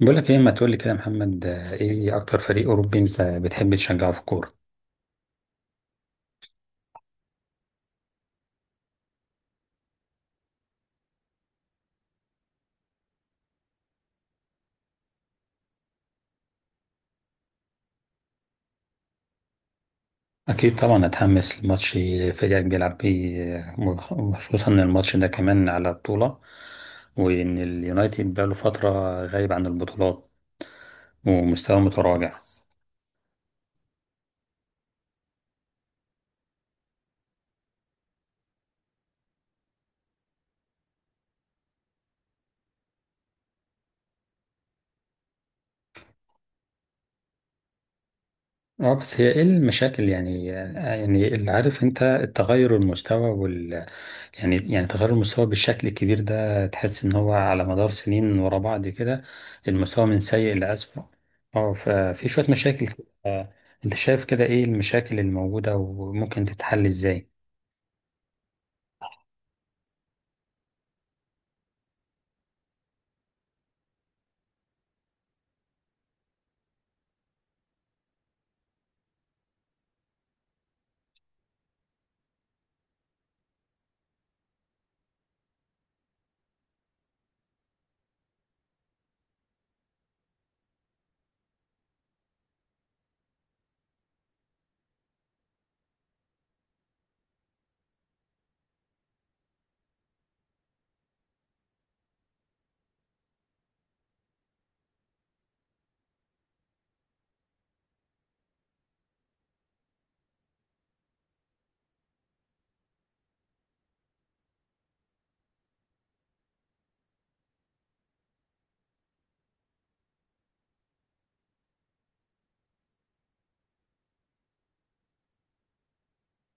بقولك ايه؟ ما تقولي كده يا محمد. ايه اكتر فريق اوروبي انت بتحب تشجعه في الكوره؟ اكيد طبعا اتحمس لماتش فريقك بيلعب بيه، وخصوصا ان الماتش ده كمان على بطوله، وان اليونايتد بقاله فتره غايب عن البطولات ومستواه متراجع. اه، بس هي ايه المشاكل؟ يعني يعني اللي عارف انت التغير المستوى، يعني تغير المستوى بالشكل الكبير ده، تحس ان هو على مدار سنين ورا بعض كده المستوى من سيء لأسوأ. اه، ففي شوية مشاكل كده. انت شايف كده ايه المشاكل الموجودة وممكن تتحل ازاي؟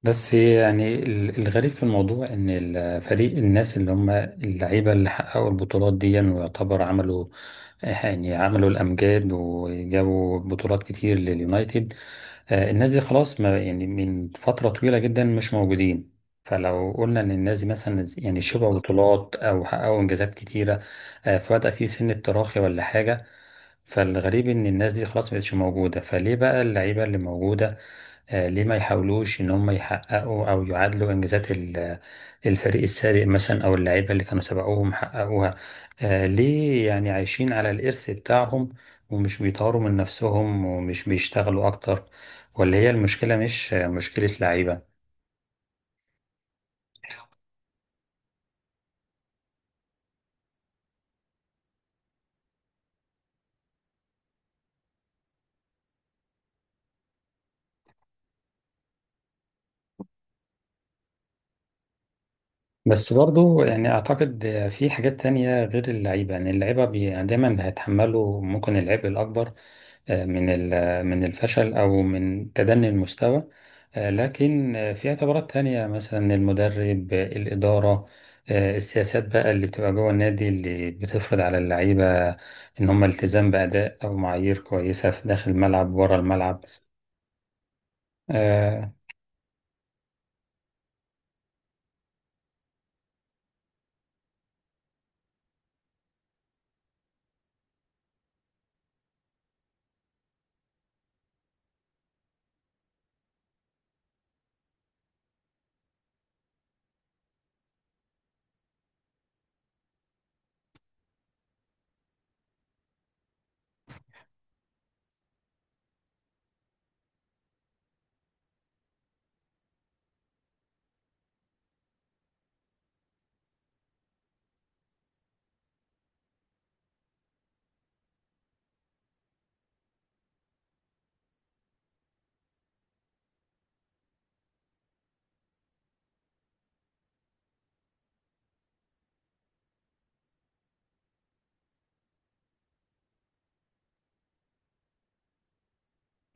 بس يعني الغريب في الموضوع ان الفريق، الناس اللي هم اللعيبه اللي حققوا البطولات دي ويعتبر عملوا، يعني عملوا الامجاد وجابوا بطولات كتير لليونايتد، الناس دي خلاص ما يعني من فتره طويله جدا مش موجودين. فلو قلنا ان الناس دي مثلا يعني شبعوا بطولات او حققوا انجازات كتيره، فبدا في سن التراخي ولا حاجه، فالغريب ان الناس دي خلاص مبقتش موجوده، فليه بقى اللعيبه اللي موجوده ليه ما يحاولوش ان هم يحققوا او يعادلوا انجازات الفريق السابق مثلا او اللعيبه اللي كانوا سبقوهم حققوها؟ ليه يعني عايشين على الارث بتاعهم ومش بيطوروا من نفسهم ومش بيشتغلوا اكتر؟ ولا هي المشكله مش مشكله لعيبه؟ بس برضو يعني اعتقد في حاجات تانية غير اللعيبه، يعني اللعيبه دايما هيتحملوا ممكن العبء الاكبر من من الفشل أو من تدني المستوى، لكن في اعتبارات تانية مثلا المدرب، الإدارة، السياسات بقى اللي بتبقى جوه النادي اللي بتفرض على اللعيبة إن هم التزام بأداء أو معايير كويسة في داخل الملعب وبره الملعب. آه،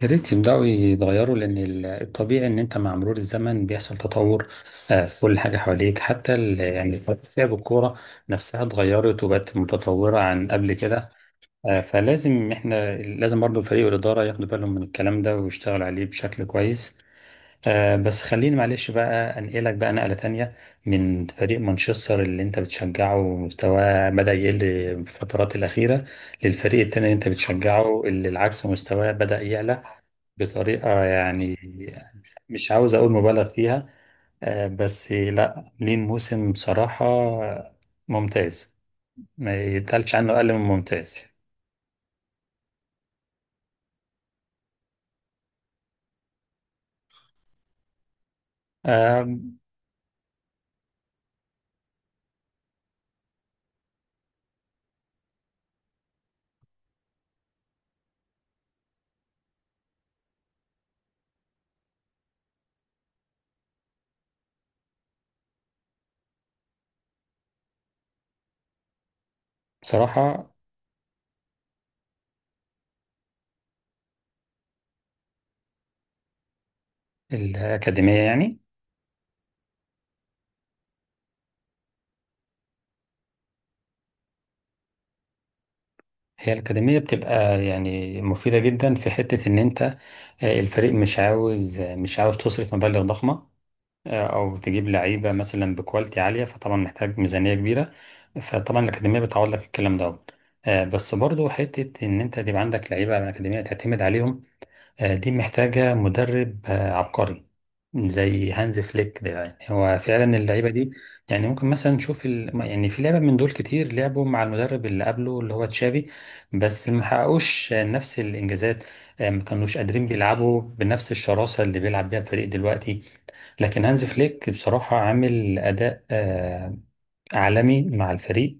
يا ريت يبدأوا يتغيروا، لأن الطبيعي إن أنت مع مرور الزمن بيحصل تطور في كل حاجة حواليك، حتى يعني طريقة لعب الكورة نفسها اتغيرت وبقت متطورة عن قبل كده. فلازم احنا، لازم برضو فريق الإدارة ياخدوا بالهم من الكلام ده ويشتغلوا عليه بشكل كويس. بس خليني معلش بقى أنقلك بقى نقلة تانية، من فريق مانشستر اللي انت بتشجعه ومستواه بدأ يقل الفترات الأخيرة، للفريق التاني اللي انت بتشجعه اللي العكس مستواه بدأ يعلى بطريقة يعني مش عاوز أقول مبالغ فيها، بس لا، لين موسم بصراحة ممتاز، ما يتقالش عنه أقل من ممتاز. آه، بصراحة الأكاديمية يعني، هي الأكاديمية بتبقى يعني مفيدة جدا في حتة إن أنت الفريق مش عاوز، مش عاوز تصرف مبالغ ضخمة أو تجيب لعيبة مثلا بكواليتي عالية، فطبعا محتاج ميزانية كبيرة، فطبعا الأكاديمية بتعوض لك الكلام ده. بس برضو حتة إن أنت تبقى عندك لعيبة على الأكاديمية تعتمد عليهم، دي محتاجة مدرب عبقري زي هانز فليك ده، يعني هو فعلا اللعيبة دي، يعني ممكن مثلا نشوف ال... يعني في لعبة من دول كتير لعبوا مع المدرب اللي قبله اللي هو تشافي، بس ما حققوش نفس الإنجازات. ما كانوش قادرين بيلعبوا بنفس الشراسة اللي بيلعب بيها الفريق دلوقتي. لكن هانز فليك بصراحة عامل أداء عالمي مع الفريق،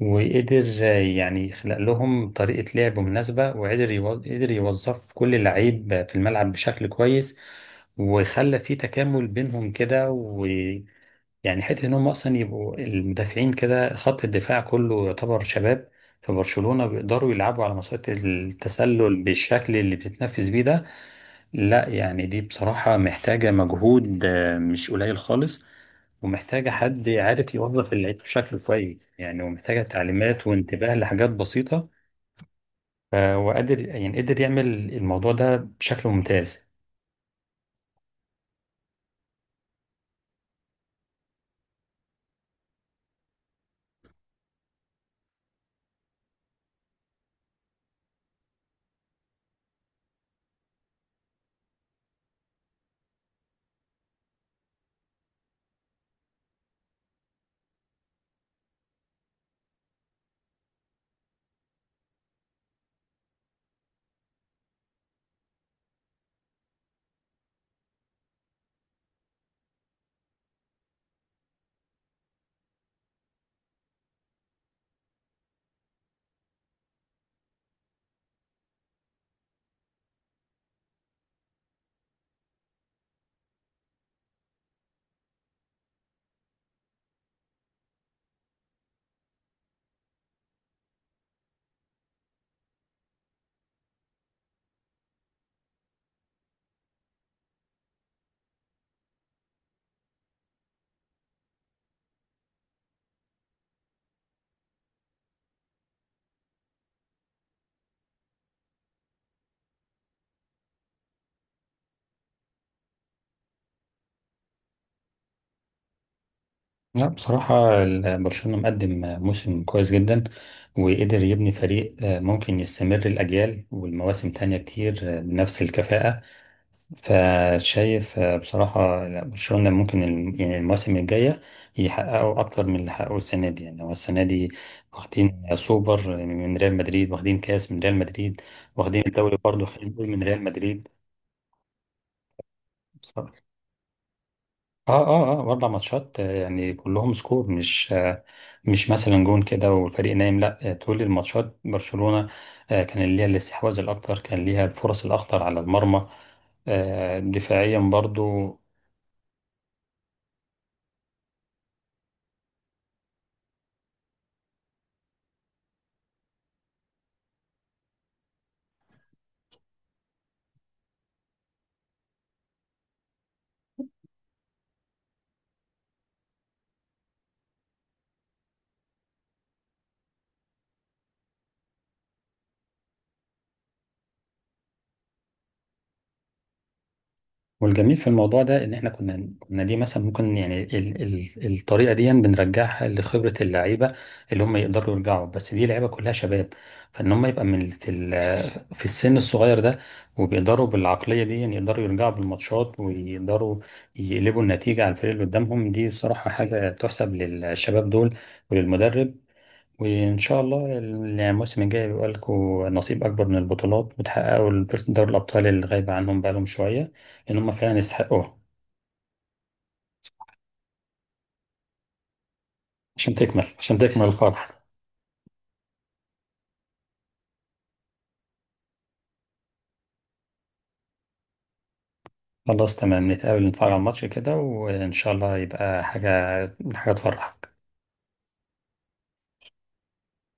وقدر يعني يخلق لهم طريقة لعب مناسبة، وقدر قدر يوظف كل لعيب في الملعب بشكل كويس، وخلى في تكامل بينهم كده، ويعني حتة ان هم اصلا يبقوا المدافعين كده، خط الدفاع كله يعتبر شباب في برشلونة، بيقدروا يلعبوا على مسارات التسلل بالشكل اللي بتتنفذ بيه ده. لا يعني دي بصراحة محتاجة مجهود مش قليل خالص، ومحتاجة حد عارف يوظف العيد بشكل كويس يعني، ومحتاجة تعليمات وانتباه لحاجات بسيطة، وقادر، يعني قدر يعمل الموضوع ده بشكل ممتاز. لا بصراحة برشلونة مقدم موسم كويس جدا، وقدر يبني فريق ممكن يستمر الأجيال والمواسم تانية كتير بنفس الكفاءة. فشايف بصراحة لا، برشلونة ممكن يعني المواسم الجاية يحققوا أكتر من اللي حققوه السنة دي. يعني هو السنة دي واخدين سوبر من ريال مدريد، واخدين كاس من ريال مدريد، واخدين الدوري برضه خلينا نقول من ريال مدريد. ف- اه اه أربع ماتشات، يعني كلهم سكور مش آه، مش مثلا جون كده والفريق نايم، لا طول الماتشات برشلونة آه كان ليها الاستحواذ الأكتر، كان ليها الفرص الأخطر على المرمى، دفاعيا برضو. والجميل في الموضوع ده ان احنا كنا دي مثلا ممكن يعني ال الطريقه دي بنرجعها لخبره اللعيبه، اللي هم يقدروا يرجعوا، بس دي لعيبه كلها شباب، فان هم يبقى من في في السن الصغير ده وبيقدروا بالعقليه دي، يعني يقدروا يرجعوا بالماتشات ويقدروا يقلبوا النتيجه على الفريق اللي قدامهم، دي بصراحه حاجه تحسب للشباب دول وللمدرب. وإن شاء الله الموسم الجاي بيبقى لكم نصيب أكبر من البطولات، وتحققوا دوري الأبطال اللي غايبة عنهم بقالهم شوية، لأن هم فعلا يستحقوها. عشان تكمل، عشان تكمل الفرح. خلاص تمام، نتقابل نتفرج على الماتش كده، وإن شاء الله يبقى حاجة، حاجة تفرحك.